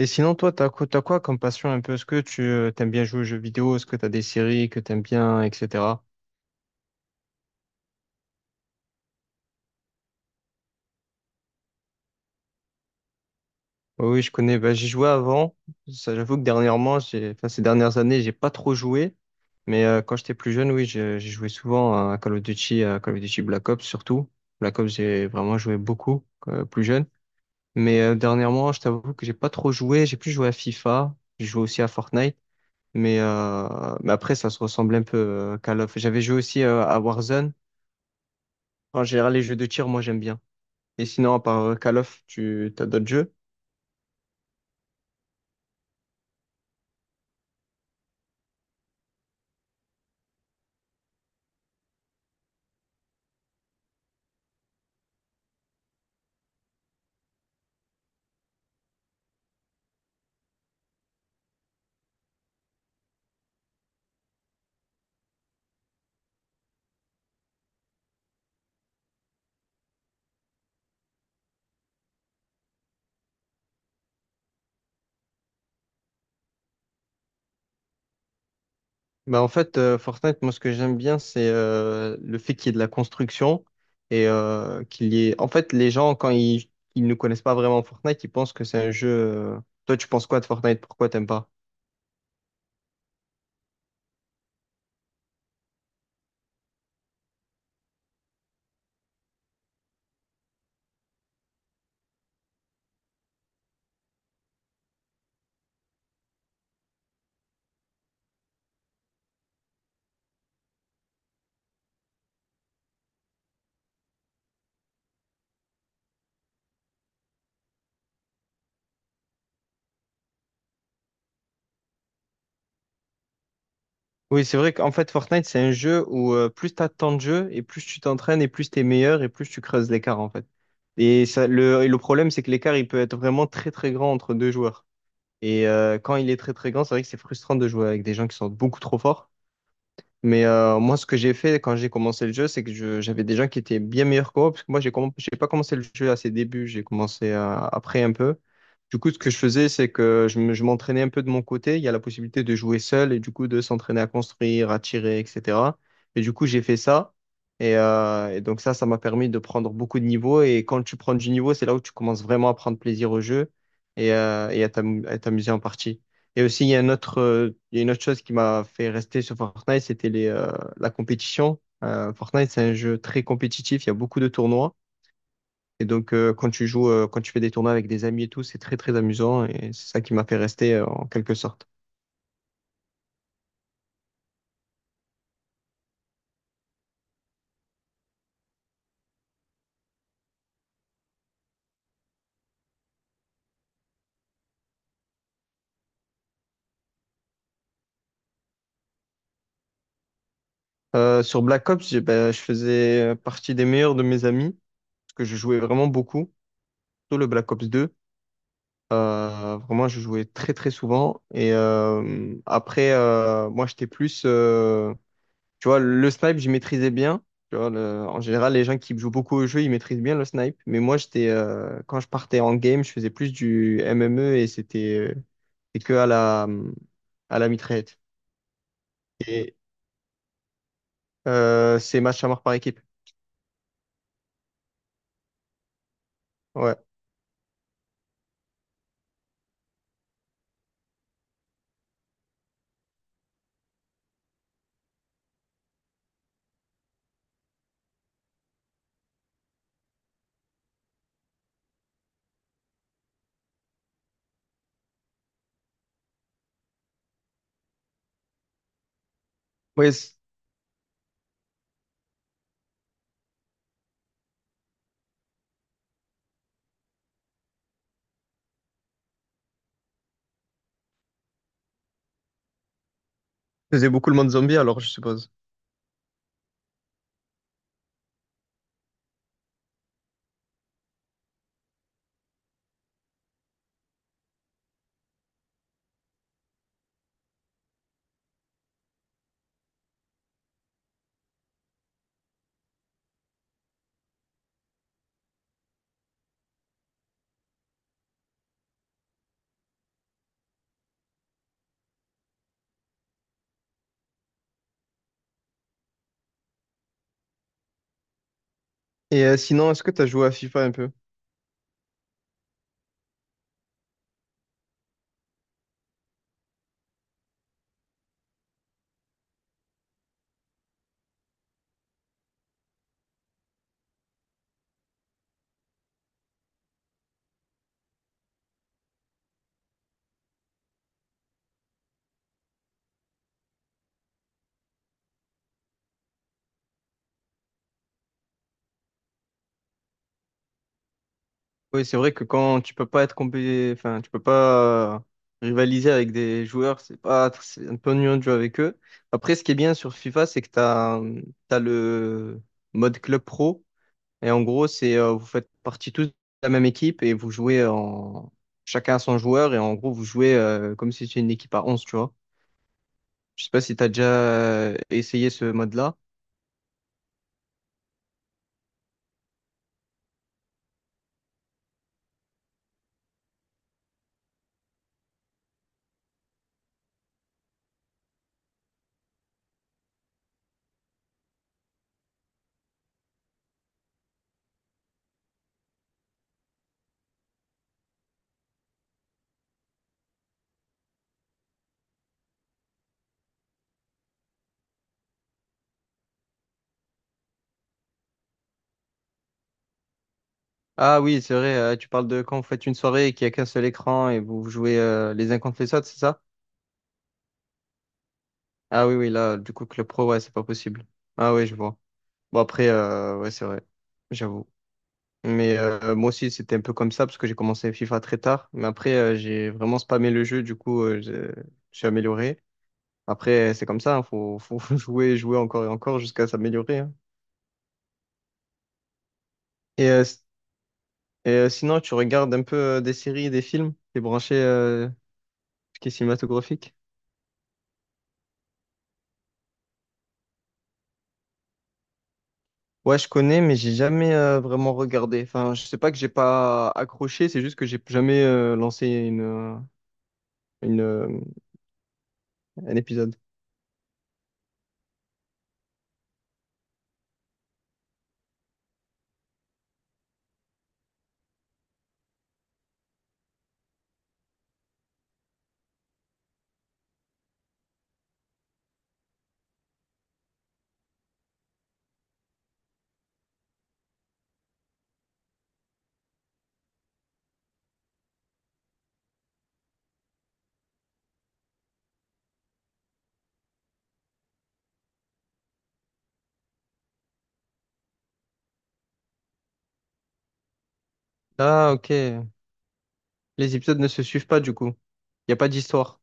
Et sinon, toi, t'as quoi comme passion un peu? Est-ce que tu t'aimes bien jouer aux jeux vidéo? Est-ce que t'as des séries que t'aimes bien, etc. Oui, oui, je connais. Bah, j'y jouais avant. Ça, j'avoue que dernièrement, ces dernières années, j'ai pas trop joué. Mais quand j'étais plus jeune, oui, j'ai joué souvent à Call of Duty, à Call of Duty Black Ops surtout. Black Ops, j'ai vraiment joué beaucoup plus jeune. Mais dernièrement, je t'avoue que j'ai pas trop joué. J'ai plus joué à FIFA. J'ai joué aussi à Fortnite. Mais, euh, mais après, ça se ressemble un peu Call of. J'avais joué aussi à Warzone. En général, les jeux de tir, moi, j'aime bien. Et sinon, à part Call of, tu as d'autres jeux? Bah, en fait, Fortnite, moi, ce que j'aime bien, c'est le fait qu'il y ait de la construction et qu'il y ait... En fait, les gens, ils ne connaissent pas vraiment Fortnite, ils pensent que c'est un jeu... Toi, tu penses quoi de Fortnite? Pourquoi t'aimes pas? Oui, c'est vrai qu'en fait, Fortnite, c'est un jeu où plus tu as de temps de jeu et plus tu t'entraînes et plus tu es meilleur et plus tu creuses l'écart, en fait. Et le problème, c'est que l'écart, il peut être vraiment très, très grand entre deux joueurs. Et quand il est très très grand, c'est vrai que c'est frustrant de jouer avec des gens qui sont beaucoup trop forts. Mais moi, ce que j'ai fait quand j'ai commencé le jeu, c'est que j'avais des gens qui étaient bien meilleurs que moi, parce que moi, j'ai pas commencé le jeu à ses débuts, j'ai commencé après un peu. Du coup, ce que je faisais, c'est que je m'entraînais un peu de mon côté. Il y a la possibilité de jouer seul et du coup de s'entraîner à construire, à tirer, etc. Et du coup, j'ai fait ça. Et donc ça m'a permis de prendre beaucoup de niveaux. Et quand tu prends du niveau, c'est là où tu commences vraiment à prendre plaisir au jeu et à t'amuser en partie. Et aussi, il y a une autre chose qui m'a fait rester sur Fortnite, la compétition. Fortnite, c'est un jeu très compétitif, il y a beaucoup de tournois. Et donc, quand tu fais des tournois avec des amis et tout, c'est très, très amusant. Et c'est ça qui m'a fait rester, en quelque sorte. Sur Black Ops, ben, je faisais partie des meilleurs de mes amis, parce que je jouais vraiment beaucoup, surtout le Black Ops 2. Vraiment, je jouais très, très souvent. Et moi, tu vois, le snipe, j'y maîtrisais bien. Tu vois, en général, les gens qui jouent beaucoup au jeu, ils maîtrisent bien le snipe. Mais moi, quand je partais en game, je faisais plus du MME et c'était que à la mitraillette. Et c'est match à mort par équipe. Ouais. Ouais, c- je faisais beaucoup le monde zombie alors, je suppose. Et sinon, est-ce que tu as joué à FIFA un peu? Oui, c'est vrai que quand tu peux pas être compé... enfin, tu peux pas rivaliser avec des joueurs, c'est pas c'est un peu ennuyeux de jouer avec eux. Après, ce qui est bien sur FIFA, c'est que tu as, le mode club pro et en gros, c'est vous faites partie tous de la même équipe et vous jouez en chacun à son joueur et en gros, vous jouez comme si c'était une équipe à 11, tu vois. Je sais pas si tu as déjà essayé ce mode-là. Ah oui, c'est vrai, tu parles de quand vous faites une soirée et qu'il y a qu'un seul écran et vous jouez les uns contre les autres, c'est ça? Ah oui, oui, là, du coup, Club Pro, ouais, c'est pas possible. Ah oui, je vois. Bon, après, ouais, c'est vrai, j'avoue. Mais moi aussi, c'était un peu comme ça, parce que j'ai commencé FIFA très tard. Mais après, j'ai vraiment spammé le jeu, du coup, je suis amélioré. Après, c'est comme ça, hein, faut, faut jouer, jouer encore et encore jusqu'à s'améliorer. Hein. Et, euh, s- sinon, tu regardes un peu des séries, des films, t'es branché, ce qui est cinématographique? Ouais, je connais, mais j'ai jamais vraiment regardé. Enfin, je sais pas que j'ai pas accroché, c'est juste que j'ai jamais une, euh, un épisode. Ah, ok. Les épisodes ne se suivent pas, du coup. Il n'y a pas d'histoire.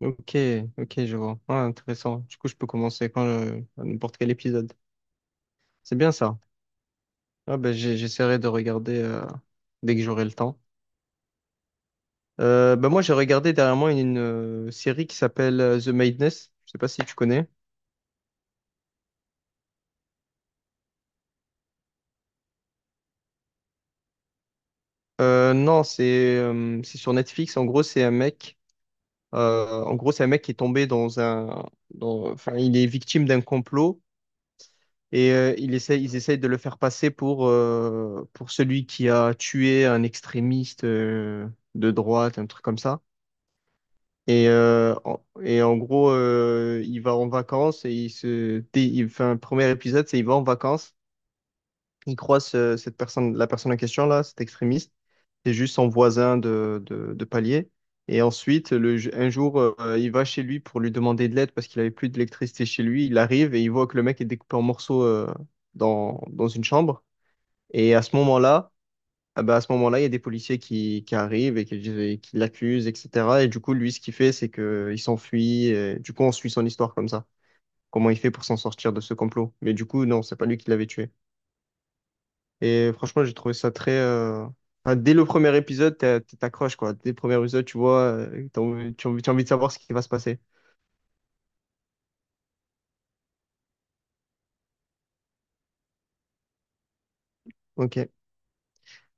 Ok, ok, je vois. Ah, intéressant. Du coup, je peux commencer quand à n'importe quel épisode. C'est bien ça. Ah, ben, j'essaierai de regarder dès que j'aurai le temps. Ben, moi, j'ai regardé dernièrement série qui s'appelle The Madness. Je sais pas si tu connais. Non, c'est sur Netflix. En gros, c'est un mec. C'est un mec qui est tombé enfin, il est victime d'un complot. Et il essaie, ils essayent de le faire passer pour celui qui a tué un extrémiste de droite, un truc comme ça. Et, euh, en, et en gros, il va en vacances et il enfin, le premier épisode, c'est il va en vacances, il croit cette personne, la personne en question là, cet extrémiste, c'est juste son voisin de palier. Et ensuite, un jour, il va chez lui pour lui demander de l'aide parce qu'il avait plus d'électricité chez lui. Il arrive et il voit que le mec est découpé en morceaux dans une chambre. Et à ce moment-là, ah ben, à ce moment-là, il y a des policiers qui arrivent et et qui l'accusent, etc. Et du coup, lui, ce qu'il fait, c'est que il s'enfuit. Et du coup, on suit son histoire comme ça. Comment il fait pour s'en sortir de ce complot. Mais du coup, non, c'est pas lui qui l'avait tué. Et franchement, j'ai trouvé ça très. Enfin, dès le premier épisode, t'accroches, quoi. Dès le premier épisode, tu vois, tu as envie de savoir ce qui va se passer. Ok.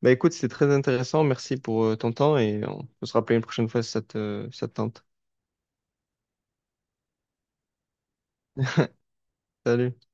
Bah écoute, c'était très intéressant. Merci pour ton temps et on peut se rappeler une prochaine fois si ça te, si ça te tente. Salut.